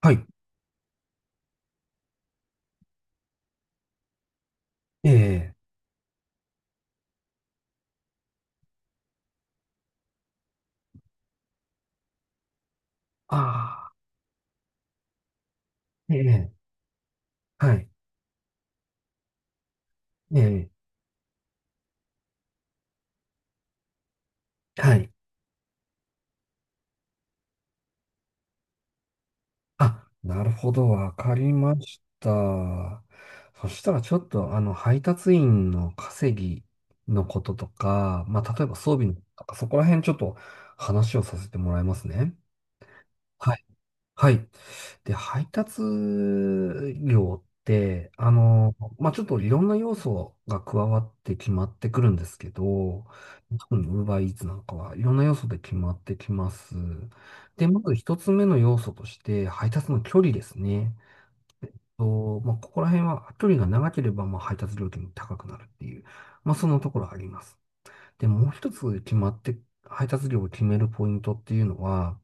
はい。ええ。ああ、ええ。はい。ええ。はい。あ、なるほど。わかりました。そしたらちょっと、配達員の稼ぎのこととか、まあ、例えば装備のこととか、そこら辺ちょっと話をさせてもらいますね。はいはい。で、配達料って、まあ、ちょっといろんな要素が加わって決まってくるんですけど、特に UberEats なんかはいろんな要素で決まってきます。で、まず一つ目の要素として、配達の距離ですね。えっまあ、ここら辺は距離が長ければ、まあ、配達料金も高くなるっていう、まあ、そのところあります。で、もう一つ決まって、配達料を決めるポイントっていうのは、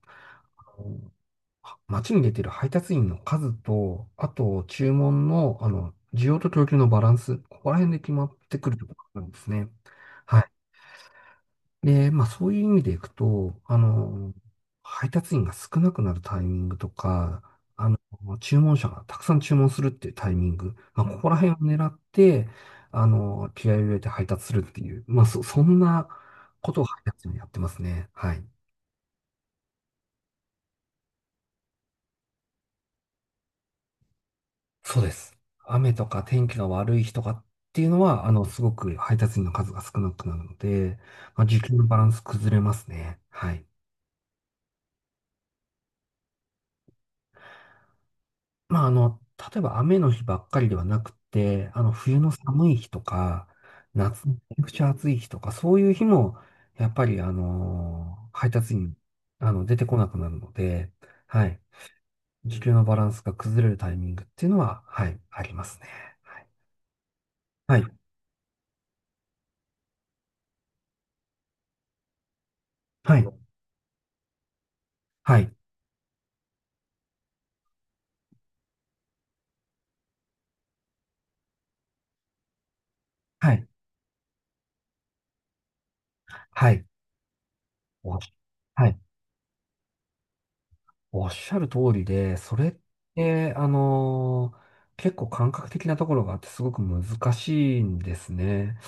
街に出てる配達員の数と、あと注文の、需要と供給のバランス、ここら辺で決まってくるところなんですね。はい。で、まあそういう意味でいくと、配達員が少なくなるタイミングとか、あの、注文者がたくさん注文するっていうタイミング、まあここら辺を狙って、気合を入れて配達するっていう、まあそんなことを配達員はやってますね。はい。そうです。雨とか天気が悪い日とかっていうのは、すごく配達員の数が少なくなるので、まあ、時給のバランス崩れますね。はい。まあ、例えば雨の日ばっかりではなくて、冬の寒い日とか、夏のめちゃくちゃ暑い日とか、そういう日も、やっぱり、配達員、出てこなくなるので、はい、時給のバランスが崩れるタイミングっていうのは、はい、ありますね。はい。はい。はい。はい。はい。はい。あ、はい、おっしゃる通りで、それって、結構感覚的なところがあってすごく難しいんですね。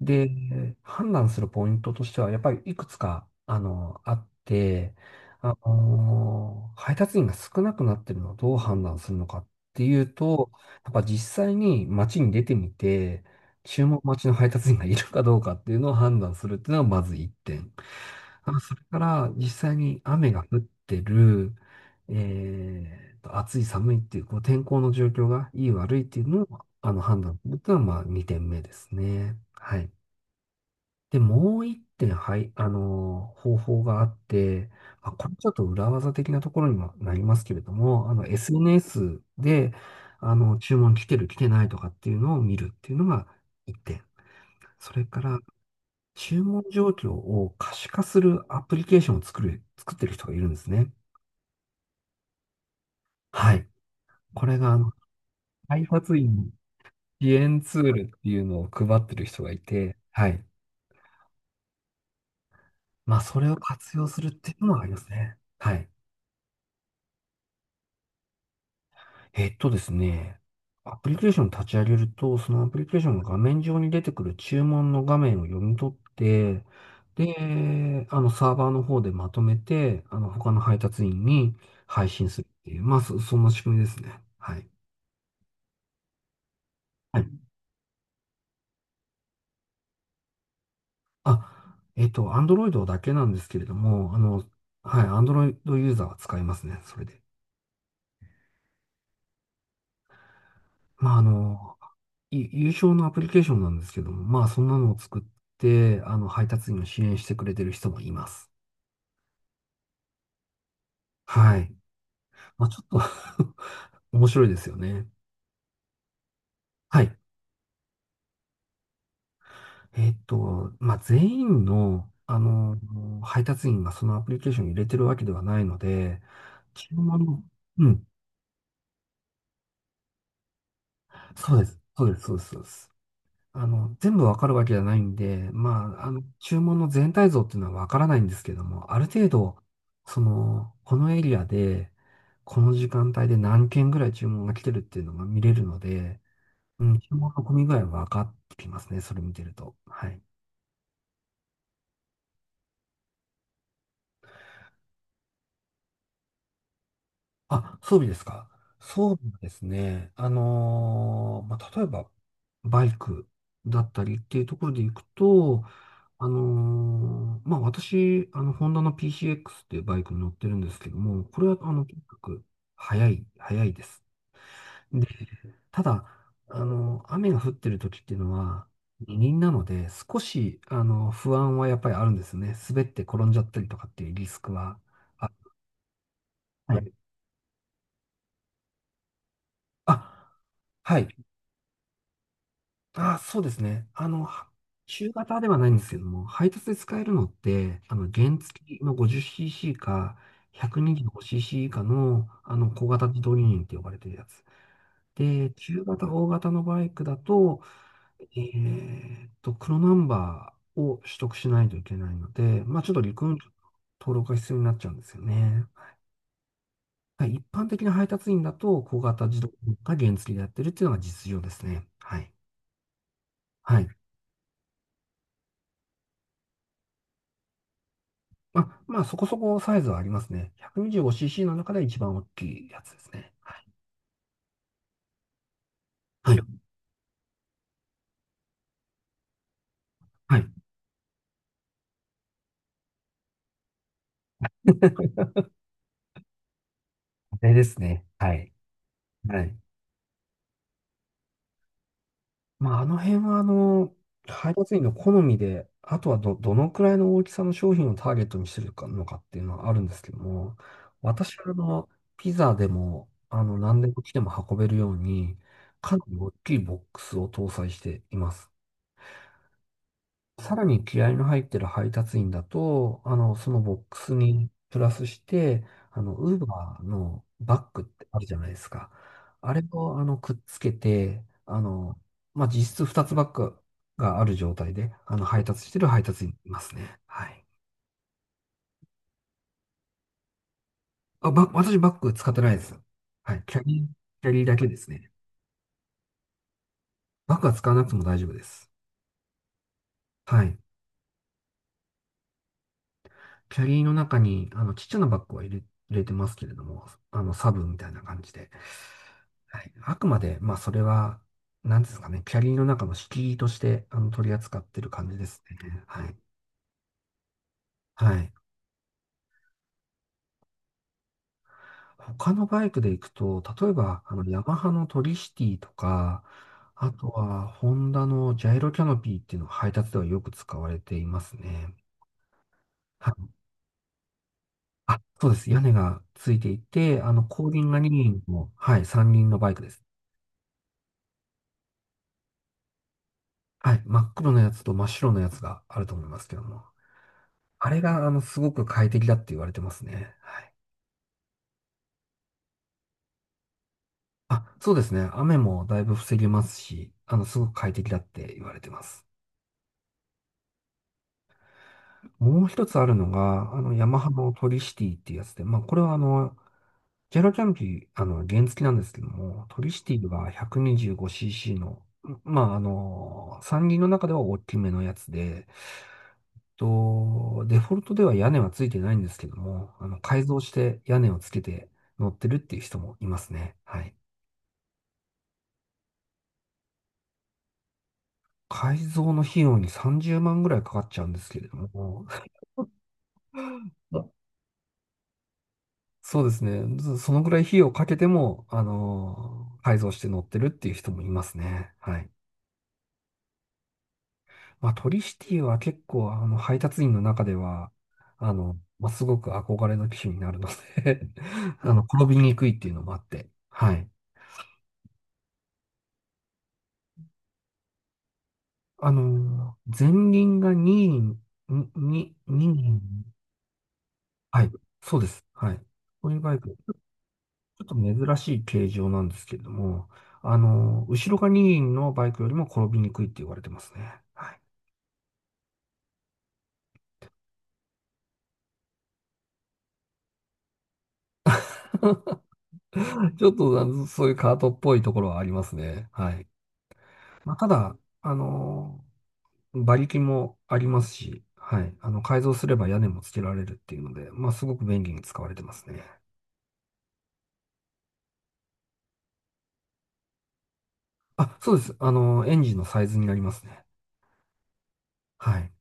で、判断するポイントとしては、やっぱりいくつか、あって、配達員が少なくなってるのをどう判断するのかっていうと、やっぱ実際に街に出てみて、注文待ちの配達員がいるかどうかっていうのを判断するっていうのはまず一点。あ、それから実際に雨が降ってる。暑い寒いっていう、こう天候の状況がいい悪いっていうのを、判断するっていうのは、まあ、2点目ですね。はい。で、もう1点、はい、あの方法があって、まあ、これちょっと裏技的なところにもなりますけれども、SNS で、注文来てる来てないとかっていうのを見るっていうのが1点。それから、注文状況を可視化するアプリケーションを作ってる人がいるんですね。はい。これが、配達員支援ツールっていうのを配ってる人がいて、はい。まあ、それを活用するっていうのはありますね。はい。えっとですね、アプリケーションを立ち上げると、そのアプリケーションの画面上に出てくる注文の画面を読み取って、で、サーバーの方でまとめて、他の配達員に配信するっていう、まあ、そんな仕組みですね。はい。はい。あ、Android だけなんですけれども、はい、Android ユーザーは使いますね、それで。まあ、優勝のアプリケーションなんですけども、まあそんなのを作って、配達員を支援してくれてる人もいます。はい。まあちょっと 面白いですよね。はい。まあ全員の、配達員がそのアプリケーションに入れてるわけではないので、注文、うん、そうです。そうです、そうです、そうです。全部わかるわけじゃないんで、まあ、注文の全体像っていうのはわからないんですけども、ある程度、その、このエリアで、この時間帯で何件ぐらい注文が来てるっていうのが見れるので、うん、注文の込み具合は分かってきますね、それ見てると。はい。あ、装備ですか。装備はですね、まあ、例えば、バイクだったりっていうところで行くと、まあ、私、ホンダの PCX っていうバイクに乗ってるんですけども、これは、とにかく、速い、速いです。で、ただ、雨が降ってる時っていうのは、二輪なので、少し、不安はやっぱりあるんですね。滑って転んじゃったりとかっていうリスクは。あ、はい。あ、はい。あ、そうですね。中型ではないんですけども、配達で使えるのって、原付きの 50cc か 125cc 以下の、小型自動二輪って呼ばれてるやつ。で、中型、大型のバイクだと、黒ナンバーを取得しないといけないので、まあ、ちょっと陸運局の登録が必要になっちゃうんですよね。はい。一般的な配達員だと、小型自動か原付きでやってるっていうのが実情ですね。はい。はい。まあ、まあ、そこそこサイズはありますね。125cc の中で一番大きいやつですね。はい。はい。はい。あれですね。はい。はい。まあ、あの辺は、配達員の好みで、あとはどのくらいの大きさの商品をターゲットにしてるかのかっていうのはあるんですけども、私は、ピザでも、何でも来ても運べるように、かなり大きいボックスを搭載しています。さらに気合の入ってる配達員だと、そのボックスにプラスして、ウーバーのバッグってあるじゃないですか。あれを、くっつけて、まあ、実質2つバッグがある状態で、配達してる配達員いますね。はい。あ、私バッグ使ってないです。はい。キャリーだけですね。バッグは使わなくても大丈夫です。はい。キャリーの中に、ちっちゃなバッグは入れてますけれども、サブみたいな感じで。はい。あくまで、まあ、それは、なんですかね、キャリーの中の敷居として、取り扱ってる感じですね。はい。はい。他のバイクで行くと、例えば、ヤマハのトリシティとか、あとは、ホンダのジャイロキャノピーっていうのが配達ではよく使われていますね。はい。あ、そうです。屋根がついていて、後輪が2輪の、はい、3輪のバイクです。はい。真っ黒のやつと真っ白のやつがあると思いますけども。あれが、すごく快適だって言われてますね。はい。あ、そうですね。雨もだいぶ防げますし、すごく快適だって言われてます。もう一つあるのが、ヤマハのトリシティっていうやつで、まあ、これはジェラキャンピー、原付なんですけども、トリシティが 125cc の、まあ、山林の中では大きめのやつで、と、デフォルトでは屋根はついてないんですけども、改造して屋根をつけて乗ってるっていう人もいますね。はい。改造の費用に30万ぐらいかかっちゃうんですけれども、あ、そうですね。ずそのぐらい費用をかけても、改造して乗ってるっていう人もいますね。はい。まあ、トリシティは結構、配達員の中では、まあ、すごく憧れの機種になるので 転びにくいっていうのもあって、はい。前輪が二輪、2輪。はい。そうです。はい。こういうバイク、ちょっと珍しい形状なんですけれども、後ろが二輪のバイクよりも転びにくいって言われてますね。はい。ちょっと、そういうカートっぽいところはありますね。はい。まあ、ただ、馬力もありますし、はい。改造すれば屋根もつけられるっていうので、まあ、すごく便利に使われてますね。あ、そうです。エンジンのサイズになりますね。はい。